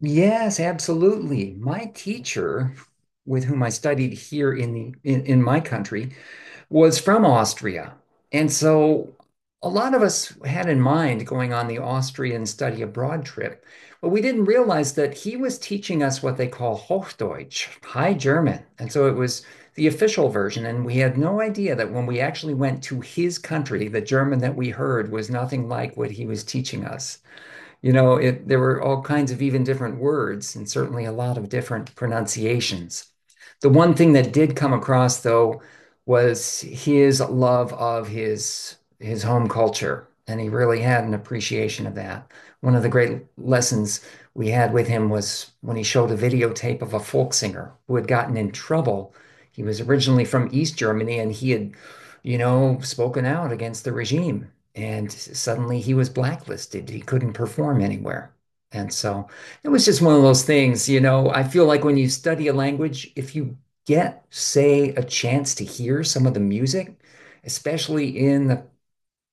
Yes, absolutely. My teacher, with whom I studied here in in my country, was from Austria. And so a lot of us had in mind going on the Austrian study abroad trip, but we didn't realize that he was teaching us what they call Hochdeutsch, High German. And so it was the official version, and we had no idea that when we actually went to his country, the German that we heard was nothing like what he was teaching us. There were all kinds of even different words and certainly a lot of different pronunciations. The one thing that did come across though was his love of his home culture, and he really had an appreciation of that. One of the great lessons we had with him was when he showed a videotape of a folk singer who had gotten in trouble. He was originally from East Germany and he had, spoken out against the regime. And suddenly he was blacklisted. He couldn't perform anywhere. And so it was just one of those things. I feel like when you study a language, if you get, say, a chance to hear some of the music, especially in the,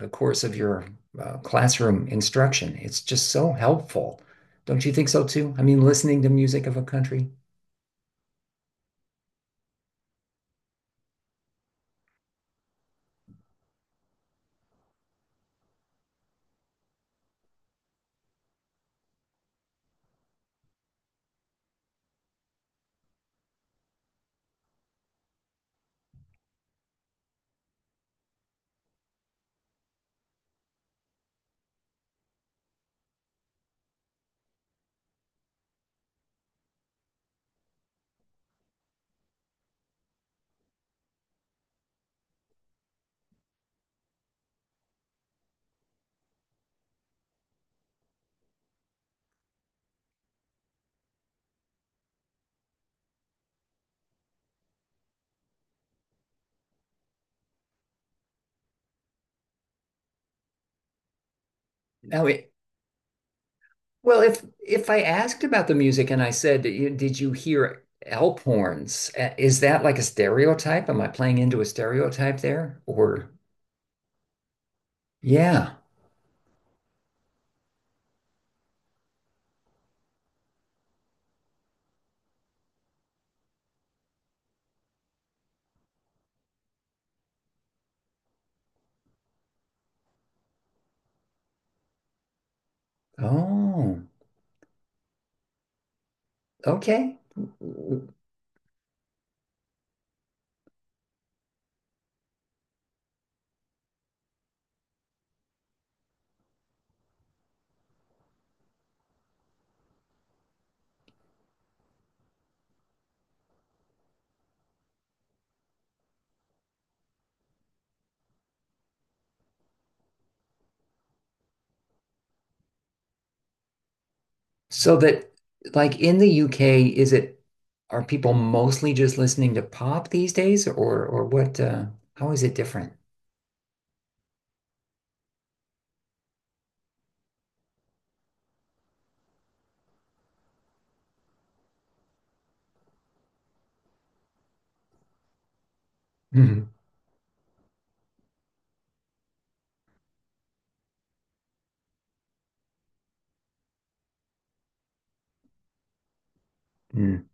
the course of your classroom instruction, it's just so helpful. Don't you think so too? I mean, listening to music of a country. Now, it, well, if I asked about the music and I said, "Did you hear elk horns?" Is that like a stereotype? Am I playing into a stereotype there? Or yeah. Oh. Okay. So that like in the UK, is it, are people mostly just listening to pop these days, or what how is it different? Hmm. Hmm.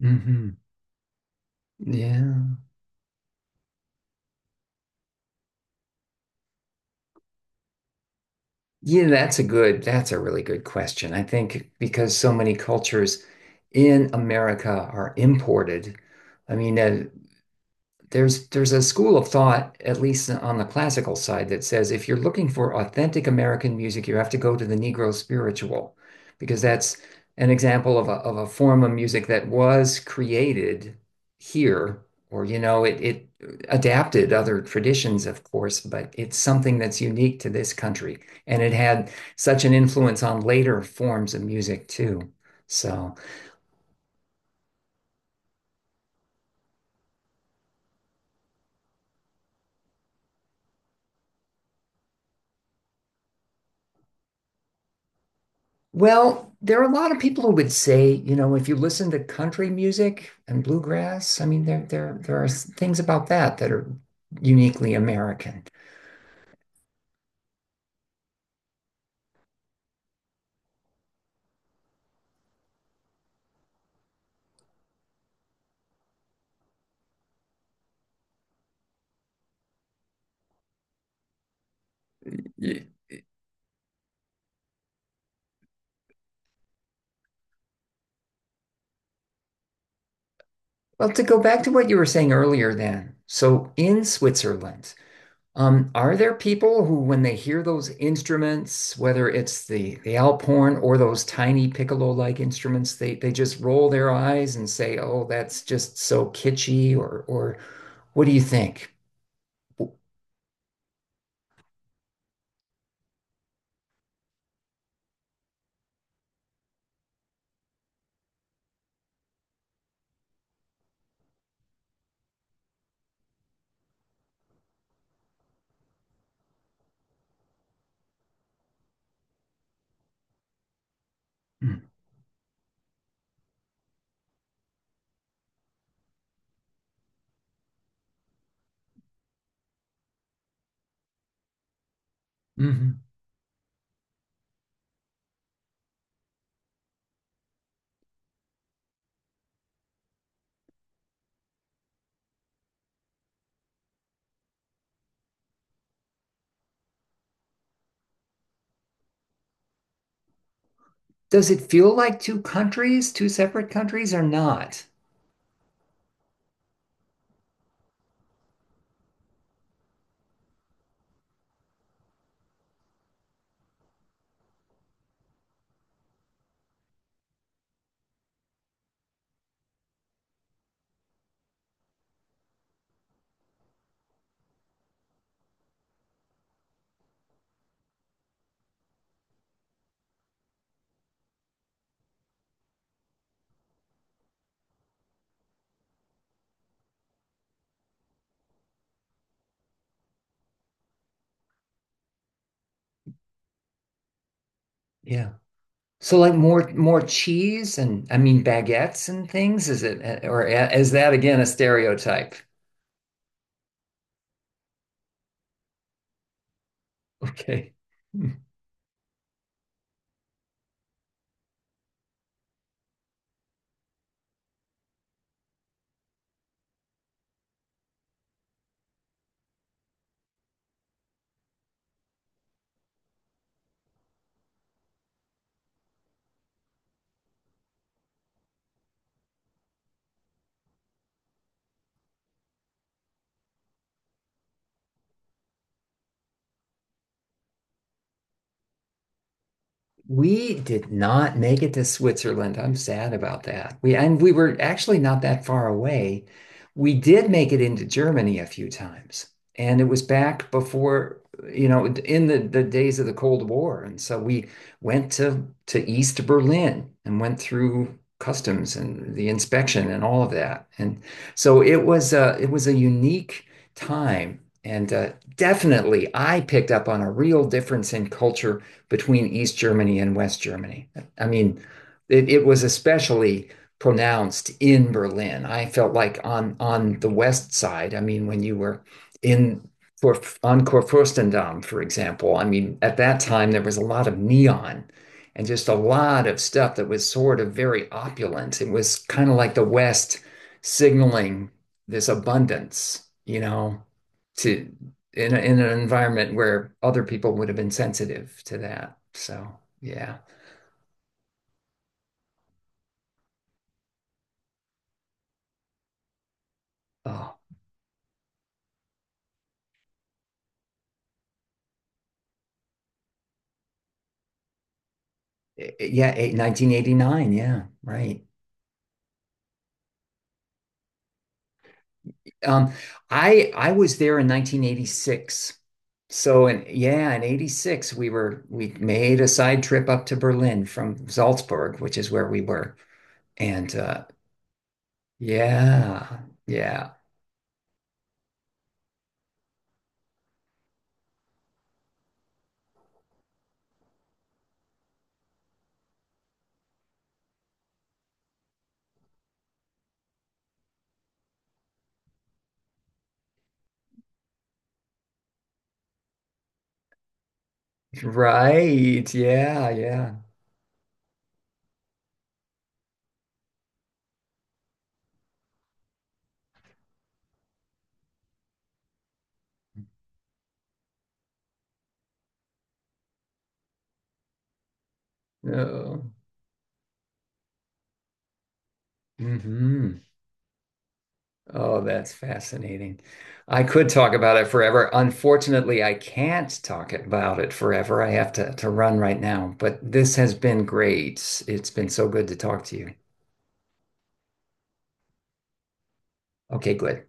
Hmm. Yeah. Yeah, that's a good, that's a really good question. I think because so many cultures in America are imported. I mean, there's a school of thought, at least on the classical side, that says if you're looking for authentic American music, you have to go to the Negro spiritual, because that's an example of a form of music that was created here, or you know, it adapted other traditions, of course, but it's something that's unique to this country, and it had such an influence on later forms of music too. So. Well, there are a lot of people who would say, you know, if you listen to country music and bluegrass, I mean, there are things about that that are uniquely American. Ye- Well, to go back to what you were saying earlier, then, so in Switzerland, are there people who, when they hear those instruments, whether it's the Alp horn or those tiny piccolo-like instruments, they just roll their eyes and say, "Oh, that's just so kitschy," or what do you think? Mm-hmm. Does it feel like two countries, two separate countries, or not? Yeah. So like more cheese and I mean baguettes and things, is it, or is that again a stereotype? Okay. We did not make it to Switzerland. I'm sad about that. We, and we were actually not that far away. We did make it into Germany a few times, and it was back before, you know, in the days of the Cold War. And so we went to East Berlin and went through customs and the inspection and all of that. And so it was a, it was a unique time. And definitely, I picked up on a real difference in culture between East Germany and West Germany. I mean, it was especially pronounced in Berlin. I felt like on the west side. I mean, when you were in for on Kurfürstendamm, for example. I mean, at that time there was a lot of neon and just a lot of stuff that was sort of very opulent. It was kind of like the West signaling this abundance, you know, to in a, in an environment where other people would have been sensitive to that. So yeah, oh yeah, 1989. Yeah, right. Um, I was there in 1986. So in yeah, in 86 we were, we made a side trip up to Berlin from Salzburg, which is where we were. And yeah, yeah, right. Yeah, yeah. Oh. Hmm. Oh, that's fascinating. I could talk about it forever. Unfortunately, I can't talk about it forever. I have to run right now, but this has been great. It's been so good to talk to you. Okay, good.